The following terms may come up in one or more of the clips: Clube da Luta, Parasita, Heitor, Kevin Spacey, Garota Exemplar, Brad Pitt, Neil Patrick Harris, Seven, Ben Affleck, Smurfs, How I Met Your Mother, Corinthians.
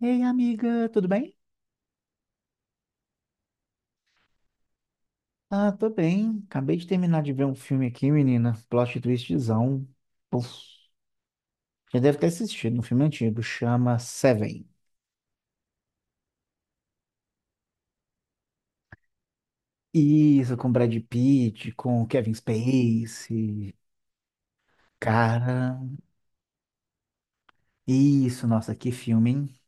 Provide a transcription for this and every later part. Ei, amiga, tudo bem? Ah, tô bem. Acabei de terminar de ver um filme aqui, menina. Plot twistzão. Puf, já deve ter assistido, um filme antigo, chama Seven. Isso, com Brad Pitt, com Kevin Spacey. Cara, isso, nossa, que filme, hein?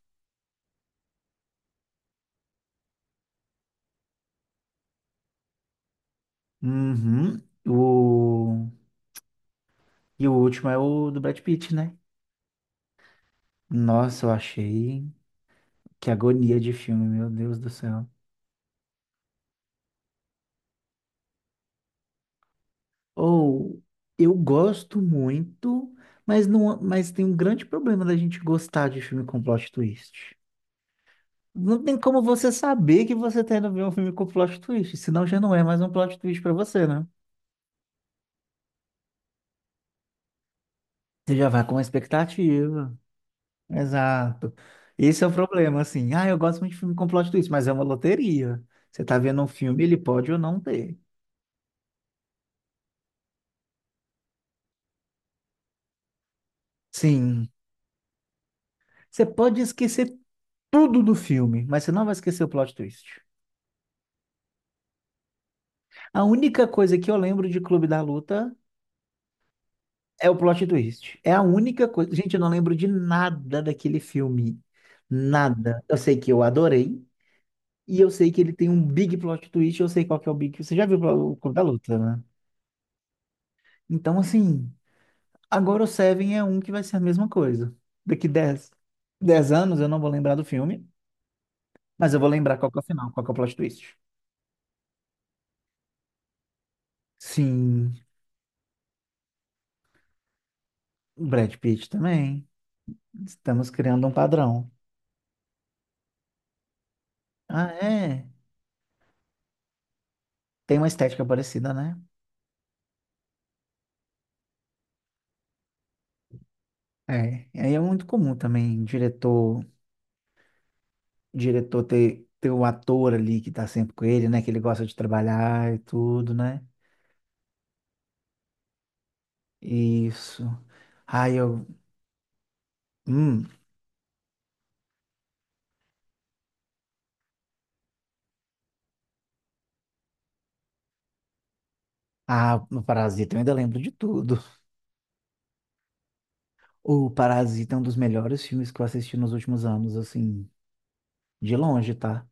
Uhum. O... E o último é o do Brad Pitt, né? Nossa, eu achei. Que agonia de filme, meu Deus do céu. Ou eu gosto muito, mas não, mas tem um grande problema da gente gostar de filme com plot twist. Não tem como você saber que você tá indo ver um filme com plot twist, senão já não é mais um plot twist pra você, né? Você já vai com uma expectativa. Exato. Esse é o problema, assim. Ah, eu gosto muito de filme com plot twist, mas é uma loteria. Você tá vendo um filme, ele pode ou não ter. Sim. Você pode esquecer tudo do filme, mas você não vai esquecer o plot twist. A única coisa que eu lembro de Clube da Luta é o plot twist. É a única coisa. Gente, eu não lembro de nada daquele filme. Nada. Eu sei que eu adorei. E eu sei que ele tem um big plot twist. Eu sei qual que é o big. Você já viu o Clube da Luta, né? Então, assim. Agora o Seven é um que vai ser a mesma coisa. Daqui 10 anos eu não vou lembrar do filme. Mas eu vou lembrar qual que é o final, qual que é o plot twist. Sim. O Brad Pitt também. Estamos criando um padrão. Ah, é. Tem uma estética parecida, né? É, e aí é muito comum também diretor ter o ator ali que tá sempre com ele, né? Que ele gosta de trabalhar e tudo, né? Isso. Ai, eu. Hum. Ah, no Parasita eu ainda lembro de tudo. O Parasita é um dos melhores filmes que eu assisti nos últimos anos, assim, de longe, tá?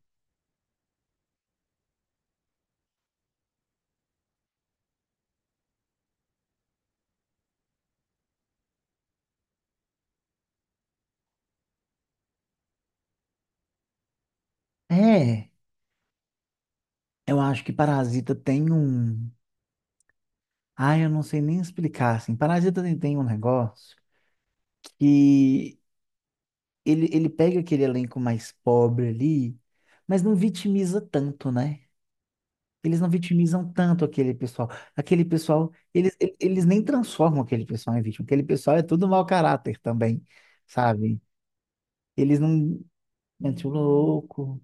É, eu acho que Parasita tem um. Ai, eu não sei nem explicar, assim. Parasita tem um negócio. Que ele pega aquele elenco mais pobre ali, mas não vitimiza tanto, né? Eles não vitimizam tanto aquele pessoal. Aquele pessoal, eles nem transformam aquele pessoal em vítima. Aquele pessoal é tudo mau caráter também, sabe? Eles não metem o louco.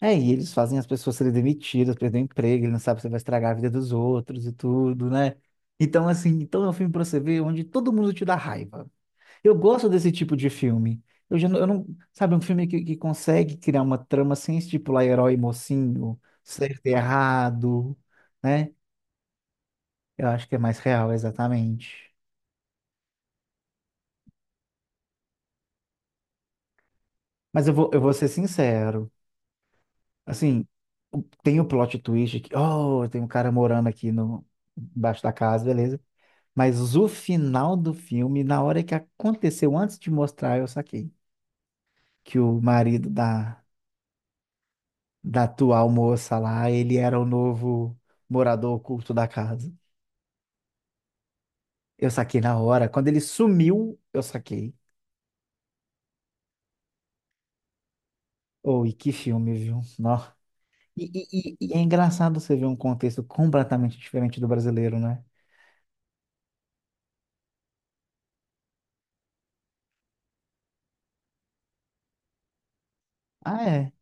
É, e eles fazem as pessoas serem demitidas, perder o emprego, ele não sabe se vai estragar a vida dos outros e tudo, né? Então, assim, então é um filme pra você ver onde todo mundo te dá raiva. Eu gosto desse tipo de filme. Eu já não, eu não- sabe, um filme que consegue criar uma trama sem estipular herói e mocinho, certo e errado, né? Eu acho que é mais real, exatamente. Mas eu vou ser sincero. Assim, o- tem o plot twist que, oh, tem um cara morando aqui no embaixo da casa, beleza? Mas o final do filme, na hora que aconteceu, antes de mostrar, eu saquei que o marido da atual moça lá, ele era o novo morador oculto da casa. Eu saquei na hora. Quando ele sumiu, eu saquei. Oh, e que filme, viu? Nó. E é engraçado você ver um contexto completamente diferente do brasileiro, né? Ah, é.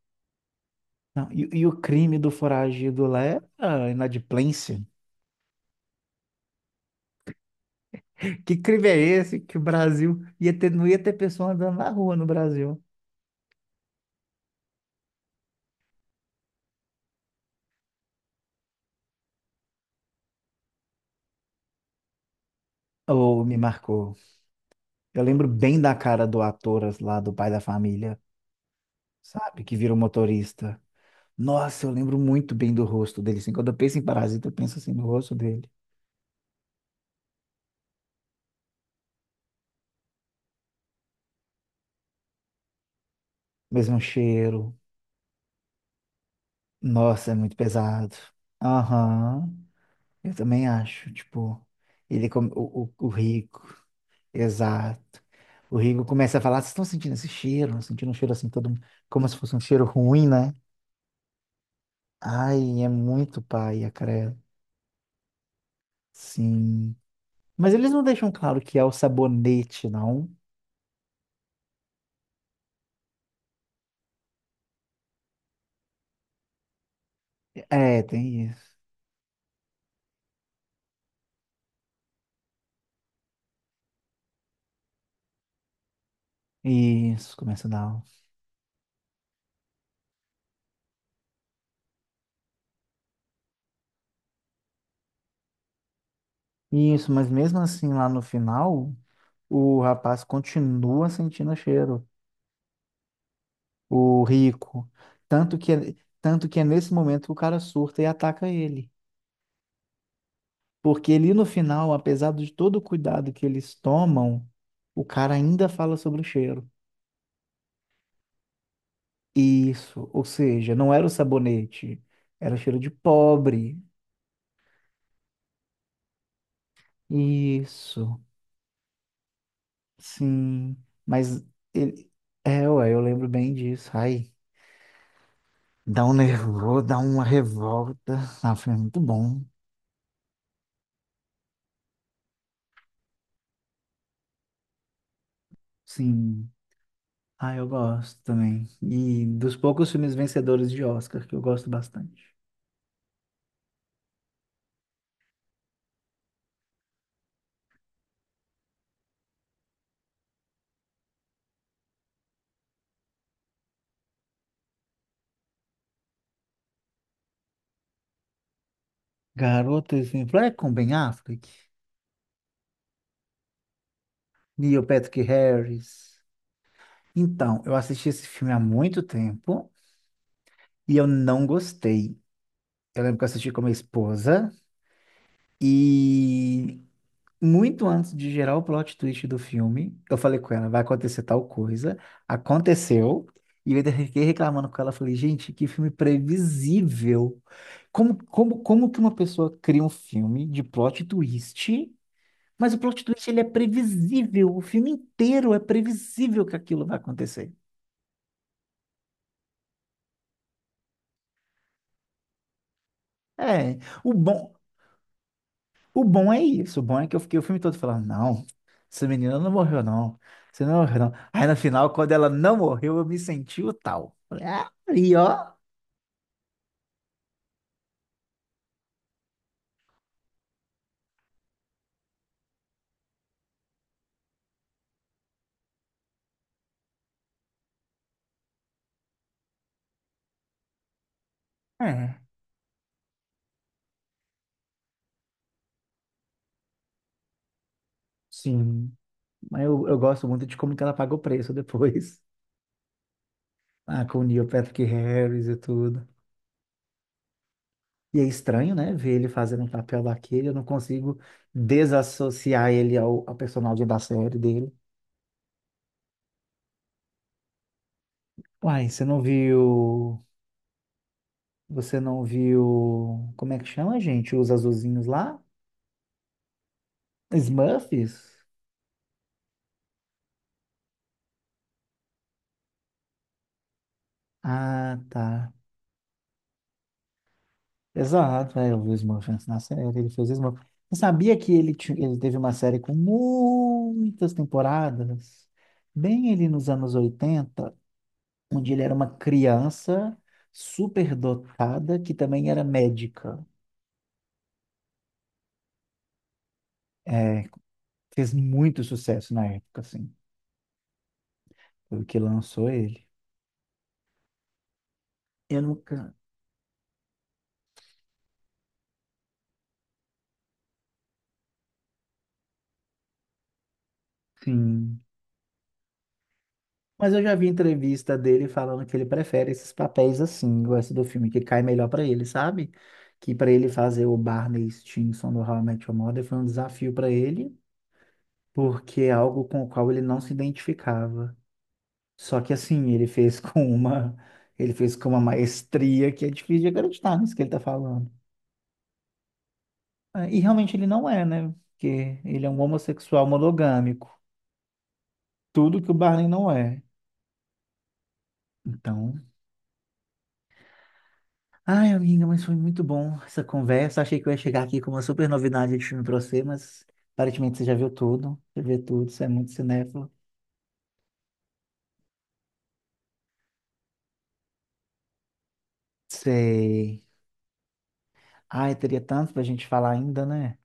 Não, e o crime do foragido lá é ah, inadimplência. Que crime é esse que o Brasil ia ter, não ia ter pessoa andando na rua no Brasil? Oh, me marcou. Eu lembro bem da cara do ator lá do pai da família, sabe? Que vira o motorista. Nossa, eu lembro muito bem do rosto dele, assim. Quando eu penso em parasita, eu penso assim no rosto dele. Mesmo cheiro. Nossa, é muito pesado. Aham. Eu também acho, tipo, ele come o Rico. Exato. O Rico começa a falar, vocês estão sentindo esse cheiro? Sentindo um cheiro assim todo, como se fosse um cheiro ruim, né? Ai, é muito paia, credo. Sim. Mas eles não deixam claro que é o sabonete, não. É, tem isso. Isso, começa a dar. Um isso, mas mesmo assim, lá no final, o rapaz continua sentindo cheiro, o rico. Tanto que, é- tanto que é nesse momento que o cara surta e ataca ele. Porque ali no final, apesar de todo o cuidado que eles tomam, o cara ainda fala sobre o cheiro. Isso, ou seja, não era o sabonete, era o cheiro de pobre. Isso, sim. Mas ele... É, ué, eu lembro bem disso. Ai. Dá um nervoso, dá uma revolta. Ah, foi muito bom. Sim. Ah, eu gosto também. E dos poucos filmes vencedores de Oscar, que eu gosto bastante. Garota Exemplar é com Ben Affleck, Neil Patrick Harris. Então, eu assisti esse filme há muito tempo e eu não gostei. Eu lembro que eu assisti com a minha esposa e muito antes de gerar o plot twist do filme, eu falei com ela, vai acontecer tal coisa. Aconteceu. E eu ainda fiquei reclamando com ela. Falei, gente, que filme previsível. Como que uma pessoa cria um filme de plot twist, mas o plot twist ele é previsível. O filme inteiro é previsível que aquilo vai acontecer. É, o bom, O bom é isso. O bom é que eu fiquei o filme todo falando, não, essa menina não morreu, não. Você não morreu, não. Aí no final, quando ela não morreu, eu me senti o tal. Falei, ah, e ó. É, sim. Mas eu gosto muito de como que ela paga o preço depois. Ah, com o Neil Patrick Harris e tudo. E é estranho, né? Ver ele fazendo um papel daquele. Eu não consigo desassociar ele ao personagem da série dele. Uai, você não viu. Você não viu. Como é que chama, gente? Os azulzinhos lá? Smurfs? Ah, tá. Exato, é, eu vi o Smurf antes na série, ele fez Smurf. Você sabia que ele teve uma série com muitas temporadas? Bem ali nos anos 80, onde ele era uma criança superdotada que também era médica. É, fez muito sucesso na época, assim, foi o que lançou ele. Eu nunca. Sim. Mas eu já vi entrevista dele falando que ele prefere esses papéis assim, gosta do filme que cai melhor pra ele, sabe? Que pra ele fazer o Barney Stinson do How I Met Your Mother foi um desafio pra ele, porque é algo com o qual ele não se identificava. Só que assim, ele fez com uma, ele fez com uma maestria que é difícil de acreditar nisso que ele tá falando. É, e realmente ele não é, né? Porque ele é um homossexual monogâmico, tudo que o Barney não é. Então, ai, amiga, mas foi muito bom essa conversa. Achei que eu ia chegar aqui com uma super novidade de filme pra você, mas aparentemente você já viu tudo. Você vê tudo, você é muito cinéfilo. Sei. Ai, teria tanto pra gente falar ainda, né?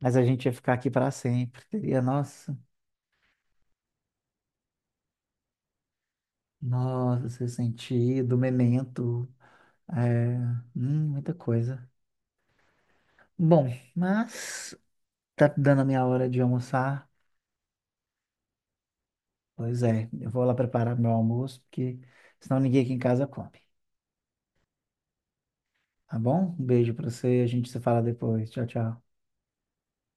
Mas a gente ia ficar aqui pra sempre. Teria, nossa, nossa, seu sentido, memento, é, muita coisa. Bom, mas tá dando a minha hora de almoçar. Pois é, eu vou lá preparar meu almoço, porque senão ninguém aqui em casa come. Tá bom? Um beijo pra você, a gente se fala depois. Tchau, tchau.